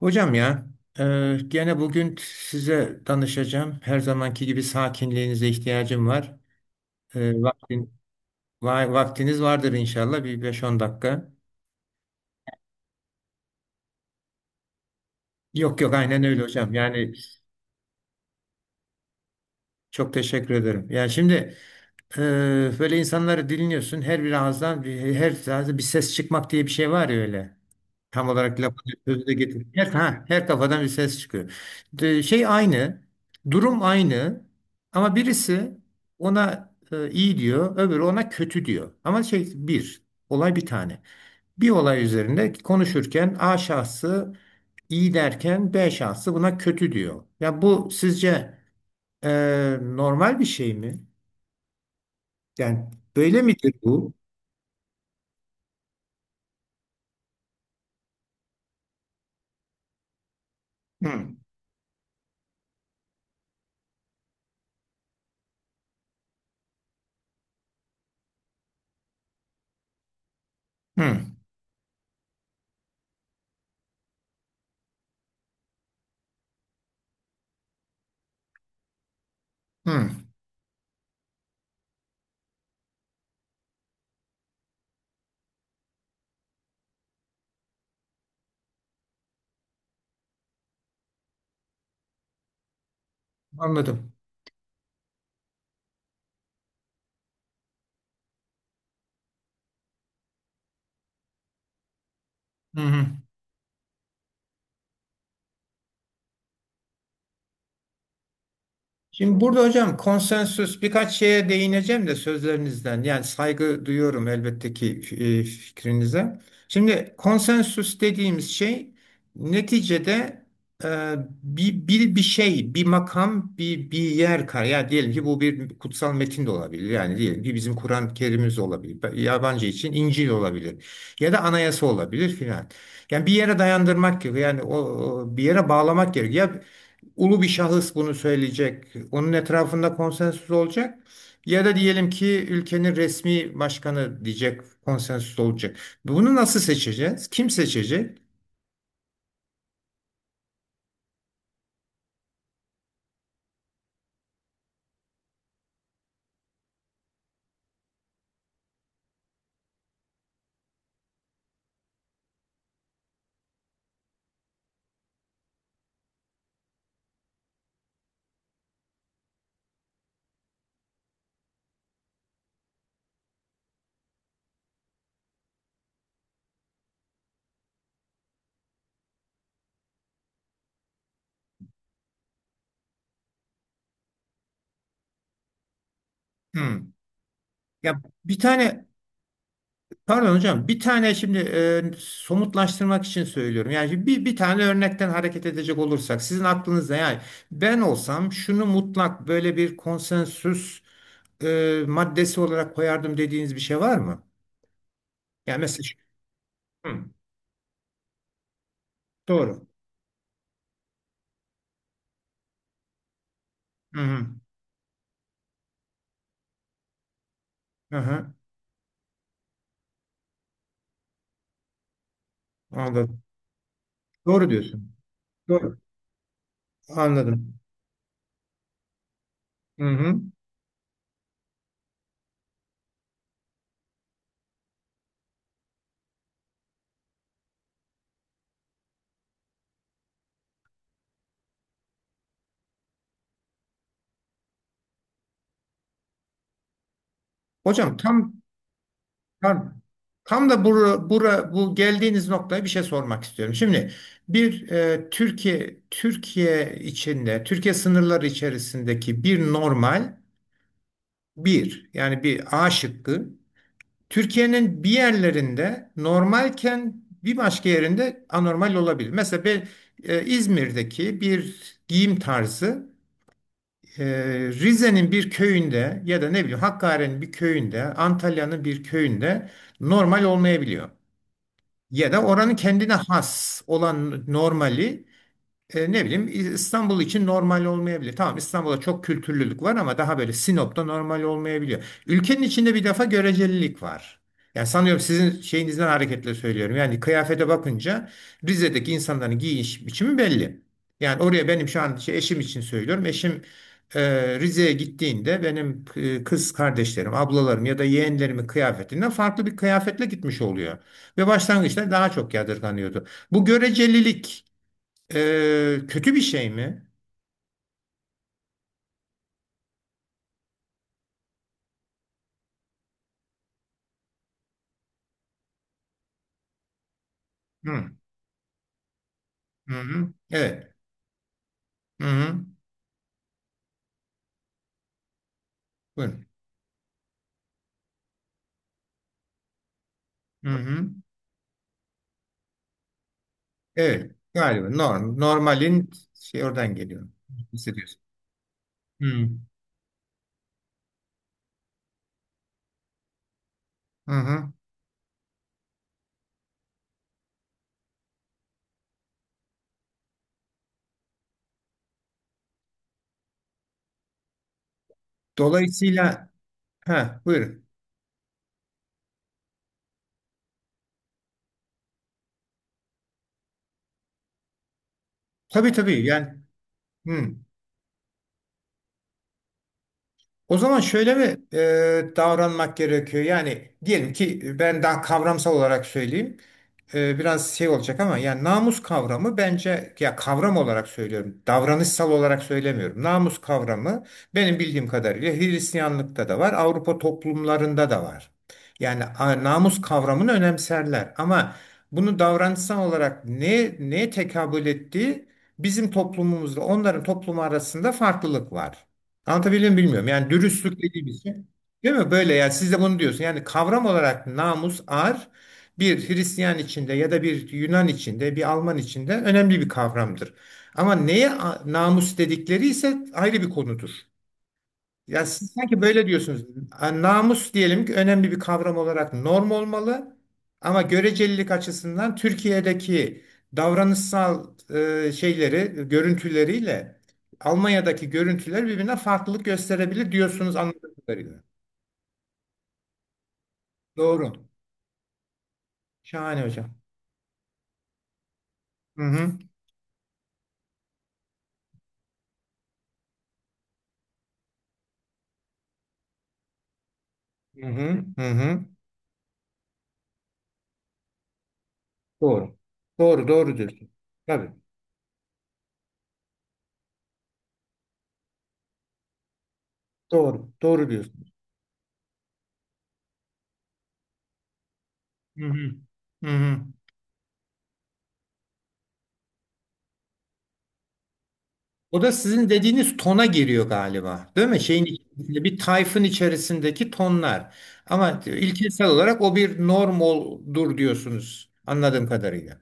Hocam ya, gene bugün size danışacağım. Her zamanki gibi sakinliğinize ihtiyacım var. E, vaktin, Vaktiniz vardır inşallah bir 5 10 dakika. Yok yok aynen öyle hocam. Yani çok teşekkür ederim. Yani şimdi e, böyle insanları dinliyorsun. Her ağızdan bir ses çıkmak diye bir şey var ya öyle. Tam olarak lafı sözü de getir. Her kafadan bir ses çıkıyor. De- şey aynı, durum aynı ama birisi ona iyi diyor, öbürü ona kötü diyor. Olay bir tane. Bir olay üzerinde konuşurken A şahsı iyi derken B şahsı buna kötü diyor. Ya bu sizce normal bir şey mi? Yani böyle midir bu? Hı, hı, hı. Anladım. Hı hı. Şimdi burada hocam konsensüs birkaç şeye değineceğim de sözlerinizden. Yani saygı duyuyorum elbette ki fikrinize. Şimdi konsensüs dediğimiz şey neticede e, bir makam, bir yer kar. Yani diyelim ki bu bir kutsal metin de olabilir. Yani diyelim ki bizim Kur'an-ı Kerim'imiz olabilir. Yabancı için İncil olabilir. Ya da anayasa olabilir filan. Yani bir yere dayandırmak gerekiyor. Yani o bir yere bağlamak gerekiyor, ulu bir şahıs bunu söyleyecek. Onun etrafında konsensüs olacak. Ya da diyelim ki ülkenin resmi başkanı diyecek, konsensüs olacak. Bunu nasıl seçeceğiz? Kim seçecek? Hmm. Ya bir tane pardon hocam bir tane şimdi somutlaştırmak için söylüyorum. Yani bir tane örnekten hareket edecek olursak sizin aklınızda yani ben olsam şunu mutlak böyle bir konsensüs maddesi olarak koyardım dediğiniz bir şey var mı? Yani mesela şu- hmm, doğru. Hı hı. Aha, anladım. Doğru diyorsun. Doğru. Anladım. Hı hı. Hocam tam tam tam da bura, bura bu geldiğiniz noktaya bir şey sormak istiyorum. Şimdi bir Türkiye içinde Türkiye sınırları içerisindeki bir normal bir yani bir A şıkkı Türkiye'nin bir yerlerinde normalken bir başka yerinde anormal olabilir. Mesela ben, İzmir'deki bir giyim tarzı Ee, Rize'nin bir köyünde ya da ne bileyim Hakkari'nin bir köyünde, Antalya'nın bir köyünde normal olmayabiliyor. Ya da oranın kendine has olan normali ne bileyim İstanbul için normal olmayabilir. Tamam, İstanbul'da çok kültürlülük var ama daha böyle Sinop'ta normal olmayabiliyor. Ülkenin içinde bir defa görecelilik var. Yani sanıyorum sizin şeyinizden hareketle söylüyorum. Yani kıyafete bakınca Rize'deki insanların giyiniş biçimi belli. Yani oraya benim şu an şey, eşim için söylüyorum. Eşim e, Rize'ye gittiğinde benim kız kardeşlerim, ablalarım ya da yeğenlerimin kıyafetinden farklı bir kıyafetle gitmiş oluyor. Ve başlangıçta daha çok yadırganıyordu. Bu görecelilik kötü bir şey mi? Hı, hı, hı. Evet. Hı, hı. Buyurun. Hı, hı. Evet. Galiba norm, normalin şey oradan geliyor. Hissediyorsun. Hı, hı, hı. Dolayısıyla ha, buyurun. Tabii tabii yani hı. O zaman şöyle mi davranmak gerekiyor? Yani diyelim ki ben daha kavramsal olarak söyleyeyim. Biraz şey olacak ama yani namus kavramı bence ya kavram olarak söylüyorum. Davranışsal olarak söylemiyorum. Namus kavramı benim bildiğim kadarıyla Hristiyanlıkta da var, Avrupa toplumlarında da var. Yani namus kavramını önemserler ama bunu davranışsal olarak ne neye tekabül ettiği bizim toplumumuzda onların toplumu arasında farklılık var. Anlatabiliyor muyum bilmiyorum. Yani dürüstlük dediğimiz şey. Değil mi? Böyle yani siz de bunu diyorsun. Yani kavram olarak namus, ar bir Hristiyan içinde ya da bir Yunan içinde, bir Alman içinde önemli bir kavramdır. Ama neye namus dedikleri ise ayrı bir konudur. Ya siz sanki böyle diyorsunuz. Ha, namus diyelim ki önemli bir kavram olarak norm olmalı ama görecelilik açısından Türkiye'deki davranışsal şeyleri, görüntüleriyle Almanya'daki görüntüler birbirine farklılık gösterebilir diyorsunuz anladığım kadarıyla. Doğru. Şahane hocam. Hı hı. Hı hı. Hı hı. Doğru. Doğru, doğru diyorsun. Tabii. Doğru. Doğru diyorsun. Hı hı. Hı hı. O da sizin dediğiniz tona giriyor galiba, değil mi? Şeyin içerisinde bir tayfın içerisindeki tonlar. Ama ilkesel olarak o bir normaldur diyorsunuz anladığım kadarıyla.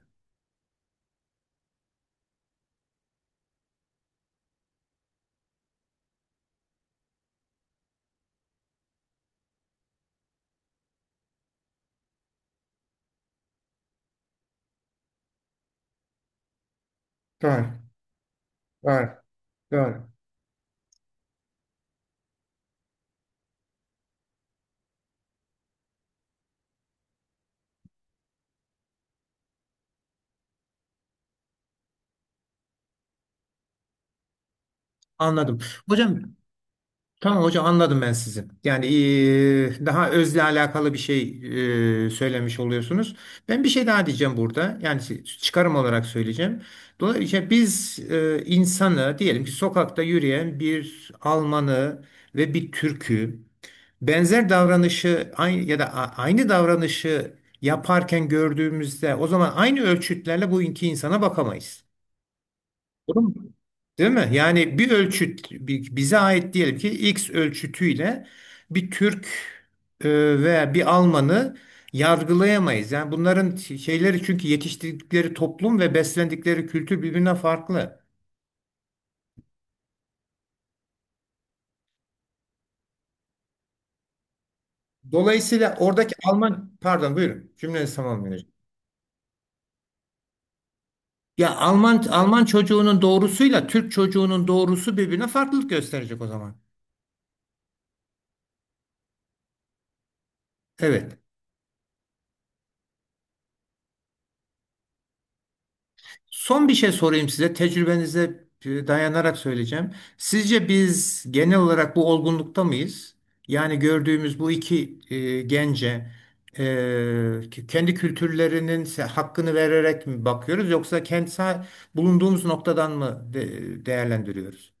Doğru, doğru, doğru. Anladım. Hocam, tamam hocam, anladım ben sizi. Yani daha özle alakalı bir şey söylemiş oluyorsunuz. Ben bir şey daha diyeceğim burada. Yani çıkarım olarak söyleyeceğim. Dolayısıyla biz insanı diyelim ki sokakta yürüyen bir Almanı ve bir Türk'ü benzer davranışı aynı ya da aynı davranışı yaparken gördüğümüzde o zaman aynı ölçütlerle bu iki insana bakamayız. Doğru mu? Değil mi? Yani bir ölçüt bize ait diyelim ki X ölçütüyle bir Türk e, veya bir Alman'ı yargılayamayız. Yani bunların şeyleri çünkü yetiştirdikleri toplum ve beslendikleri kültür birbirinden farklı. Dolayısıyla oradaki Alman pardon buyurun cümlenizi tamamlayın hocam. Ya Alman çocuğunun doğrusuyla Türk çocuğunun doğrusu birbirine farklılık gösterecek o zaman. Evet. Son bir şey sorayım size. Tecrübenize dayanarak söyleyeceğim. Sizce biz genel olarak bu olgunlukta mıyız? Yani gördüğümüz bu iki gence kendi kültürlerinin hakkını vererek mi bakıyoruz yoksa kentsel bulunduğumuz noktadan mı değerlendiriyoruz?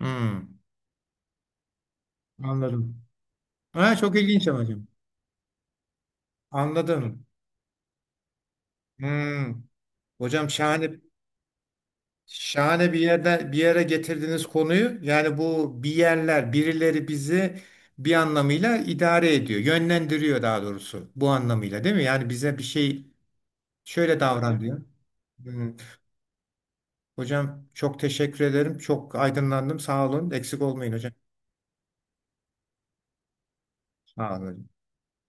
Hmm, anladım. Ha, çok ilginç ama hocam. Anladım. Hmm. Hocam şahane. Şahane bir yerden bir yere getirdiğiniz konuyu. Yani bu bir yerler, birileri bizi bir anlamıyla idare ediyor, yönlendiriyor daha doğrusu bu anlamıyla değil mi? Yani bize bir şey şöyle davran diyor. Hı. Hocam çok teşekkür ederim. Çok aydınlandım. Sağ olun. Eksik olmayın hocam. Sağ olun.